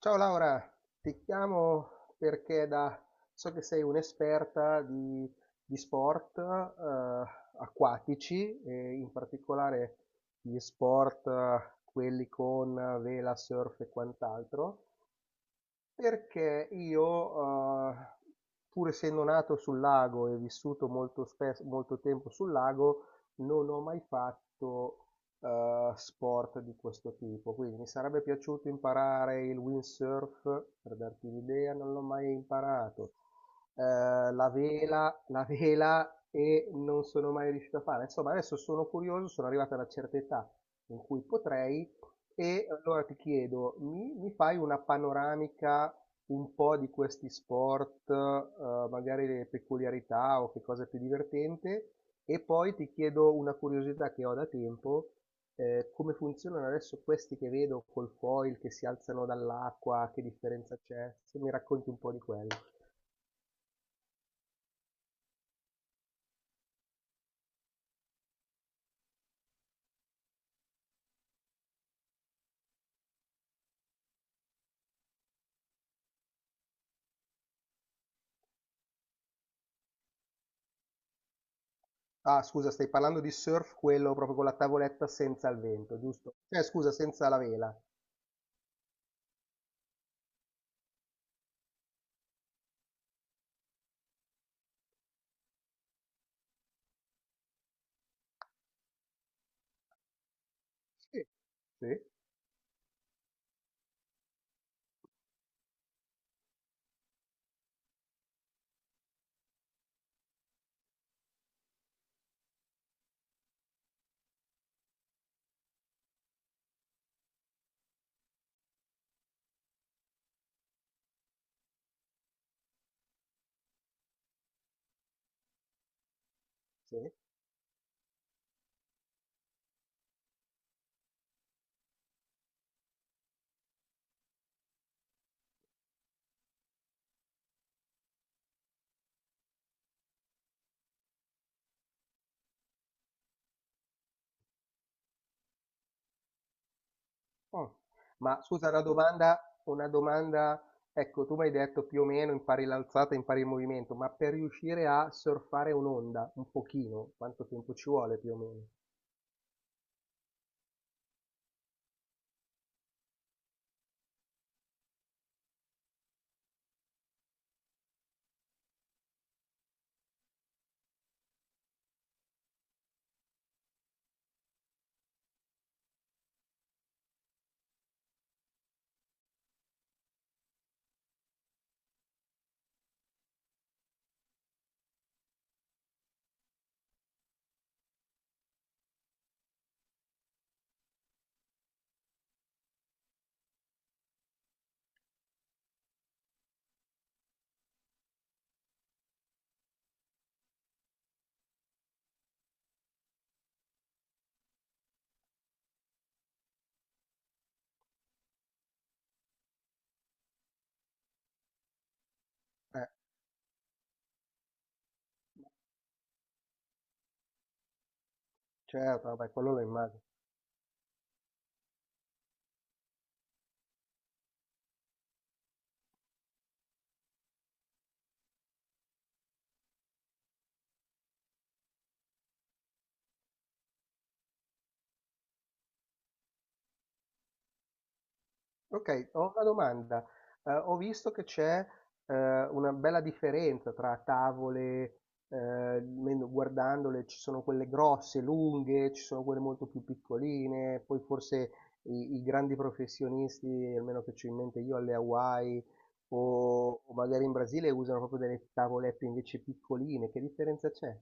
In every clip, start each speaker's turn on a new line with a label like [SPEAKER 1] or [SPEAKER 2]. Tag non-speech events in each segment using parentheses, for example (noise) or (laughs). [SPEAKER 1] Ciao Laura, ti chiamo perché da, so che sei un'esperta di sport acquatici, e in particolare gli sport quelli con vela, surf e quant'altro. Perché io, uhm, pur essendo nato sul lago e vissuto molto tempo sul lago, non ho mai fatto, sport di questo tipo. Quindi mi sarebbe piaciuto imparare il windsurf, per darti un'idea, non l'ho mai imparato. La vela e non sono mai riuscito a fare. Insomma, adesso sono curioso, sono arrivato a una certa età in cui potrei, e allora ti chiedo, mi fai una panoramica un po' di questi sport, magari le peculiarità o che cosa è più divertente? E poi ti chiedo una curiosità che ho da tempo, come funzionano adesso questi che vedo col foil che si alzano dall'acqua, che differenza c'è? Se mi racconti un po' di quello. Ah, scusa, stai parlando di surf, quello proprio con la tavoletta senza il vento, giusto? Scusa, senza la vela. Sì, sì, sì. Mh. Ma scusa una domanda, ecco, tu m'hai detto più o meno impari l'alzata, impari il movimento, ma per riuscire a surfare un'onda un pochino, quanto tempo ci vuole più o meno? Eh, certo, vabbè quello lo immagino. Ok, ho una domanda. Ho visto che c'è eh, una bella differenza tra tavole, guardandole ci sono quelle grosse, lunghe, ci sono quelle molto più piccoline, poi forse i grandi professionisti, almeno che ci ho in mente io alle Hawaii o magari in Brasile usano proprio delle tavolette invece piccoline. Che differenza c'è?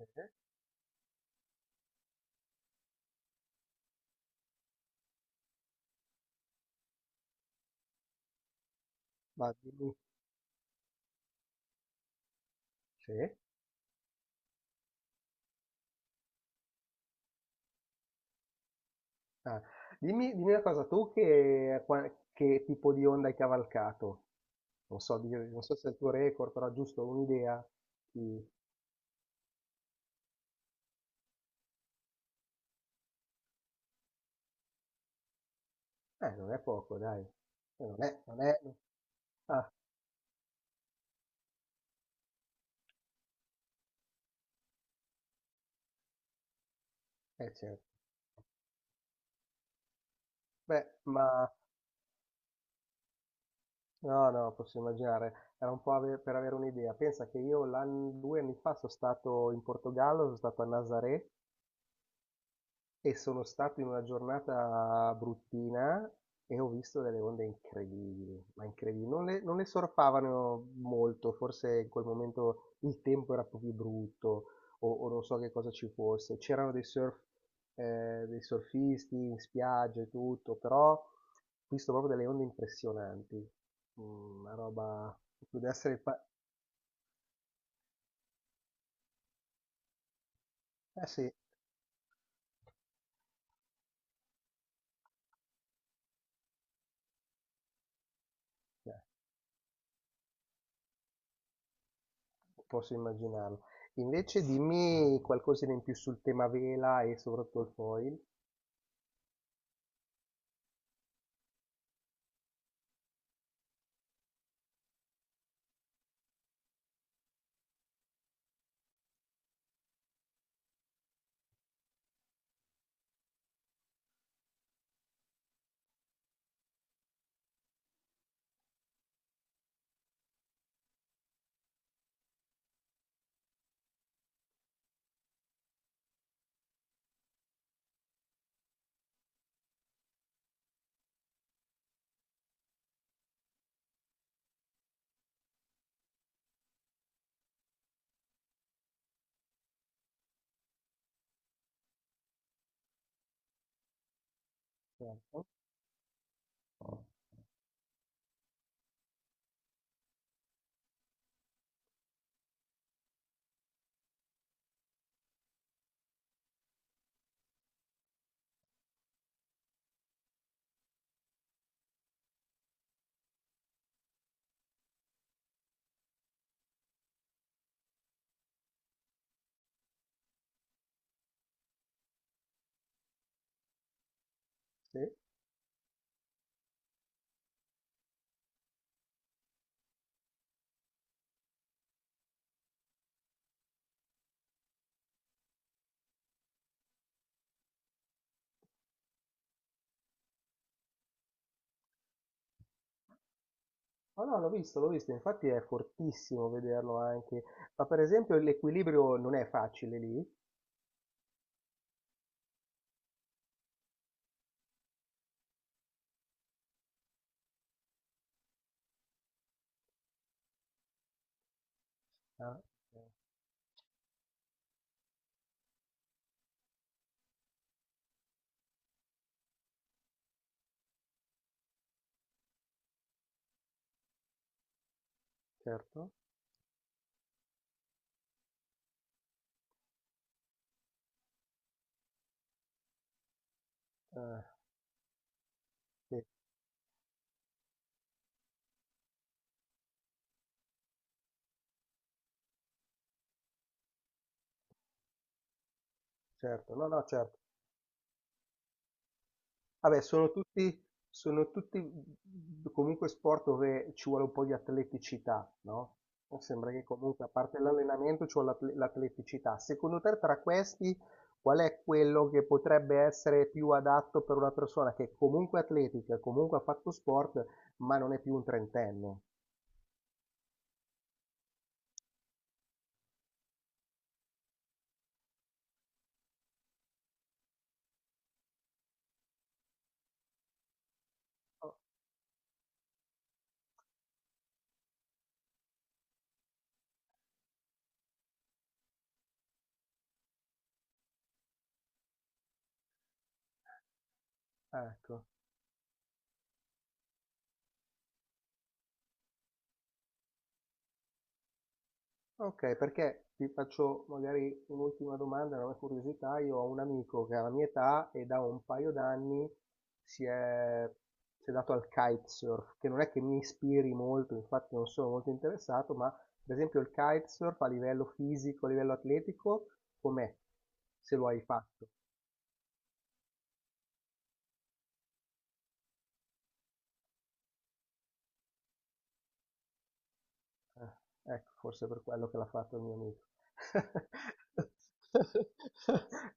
[SPEAKER 1] Eh? Eh. Ma dimmi. Sì. Ah, dimmi, dimmi una cosa, tu che, che tipo di onda hai cavalcato? Non so, non so se è il tuo record, però giusto un'idea. di- non è poco, dai. Non è, non è... Ah, certo. Beh, ma no, no, posso immaginare. Era un po' per avere un'idea. Pensa che io 2 anni fa sono stato in Portogallo, sono stato a Nazaré. E sono stato in una giornata bruttina e ho visto delle onde incredibili, ma incredibili. Non le sorpavano molto, forse in quel momento il tempo era un po' più brutto o non so che cosa ci fosse. C'erano dei surf, dei surfisti in spiaggia e tutto, però ho visto proprio delle onde impressionanti. Mm, una roba, poteva essere... Eh sì, eh, posso immaginarlo. Invece dimmi qualcosina in più sul tema vela e soprattutto il foil. Certo. Sì. Oh no, l'ho visto, infatti è fortissimo vederlo anche. Ma per esempio l'equilibrio non è facile lì? Ah, ok. Certo. Eh, sì, certo. No, no, certo. Vabbè, sono tutti mhmm, comunque sport dove ci vuole un po' di atleticità, no? Mi sembra che comunque, a parte l'allenamento, ci vuole l'atleticità. Secondo te, tra questi, qual è quello che potrebbe essere più adatto per una persona che comunque è atletica, comunque ha fatto sport, ma non è più un trentenne? Oh. Ecco. Ok, perché ti faccio magari un'ultima domanda, una curiosità. Io ho un amico che ha la mia età e da un paio d'anni si è, si è dato al kitesurf, che non è che mi ispiri molto, infatti non sono molto interessato, ma per esempio il kitesurf a livello fisico, a livello atletico, com'è? Se lo hai fatto. Eh, ecco, forse per quello che l'ha fatto il mio amico. (laughs)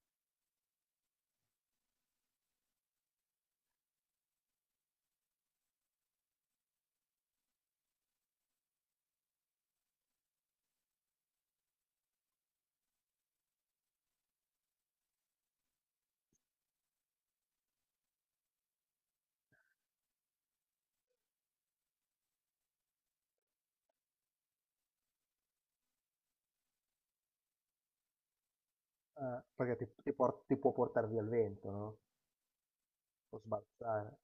[SPEAKER 1] Perché ti, ti può portare via il vento, no? Può sbalzare.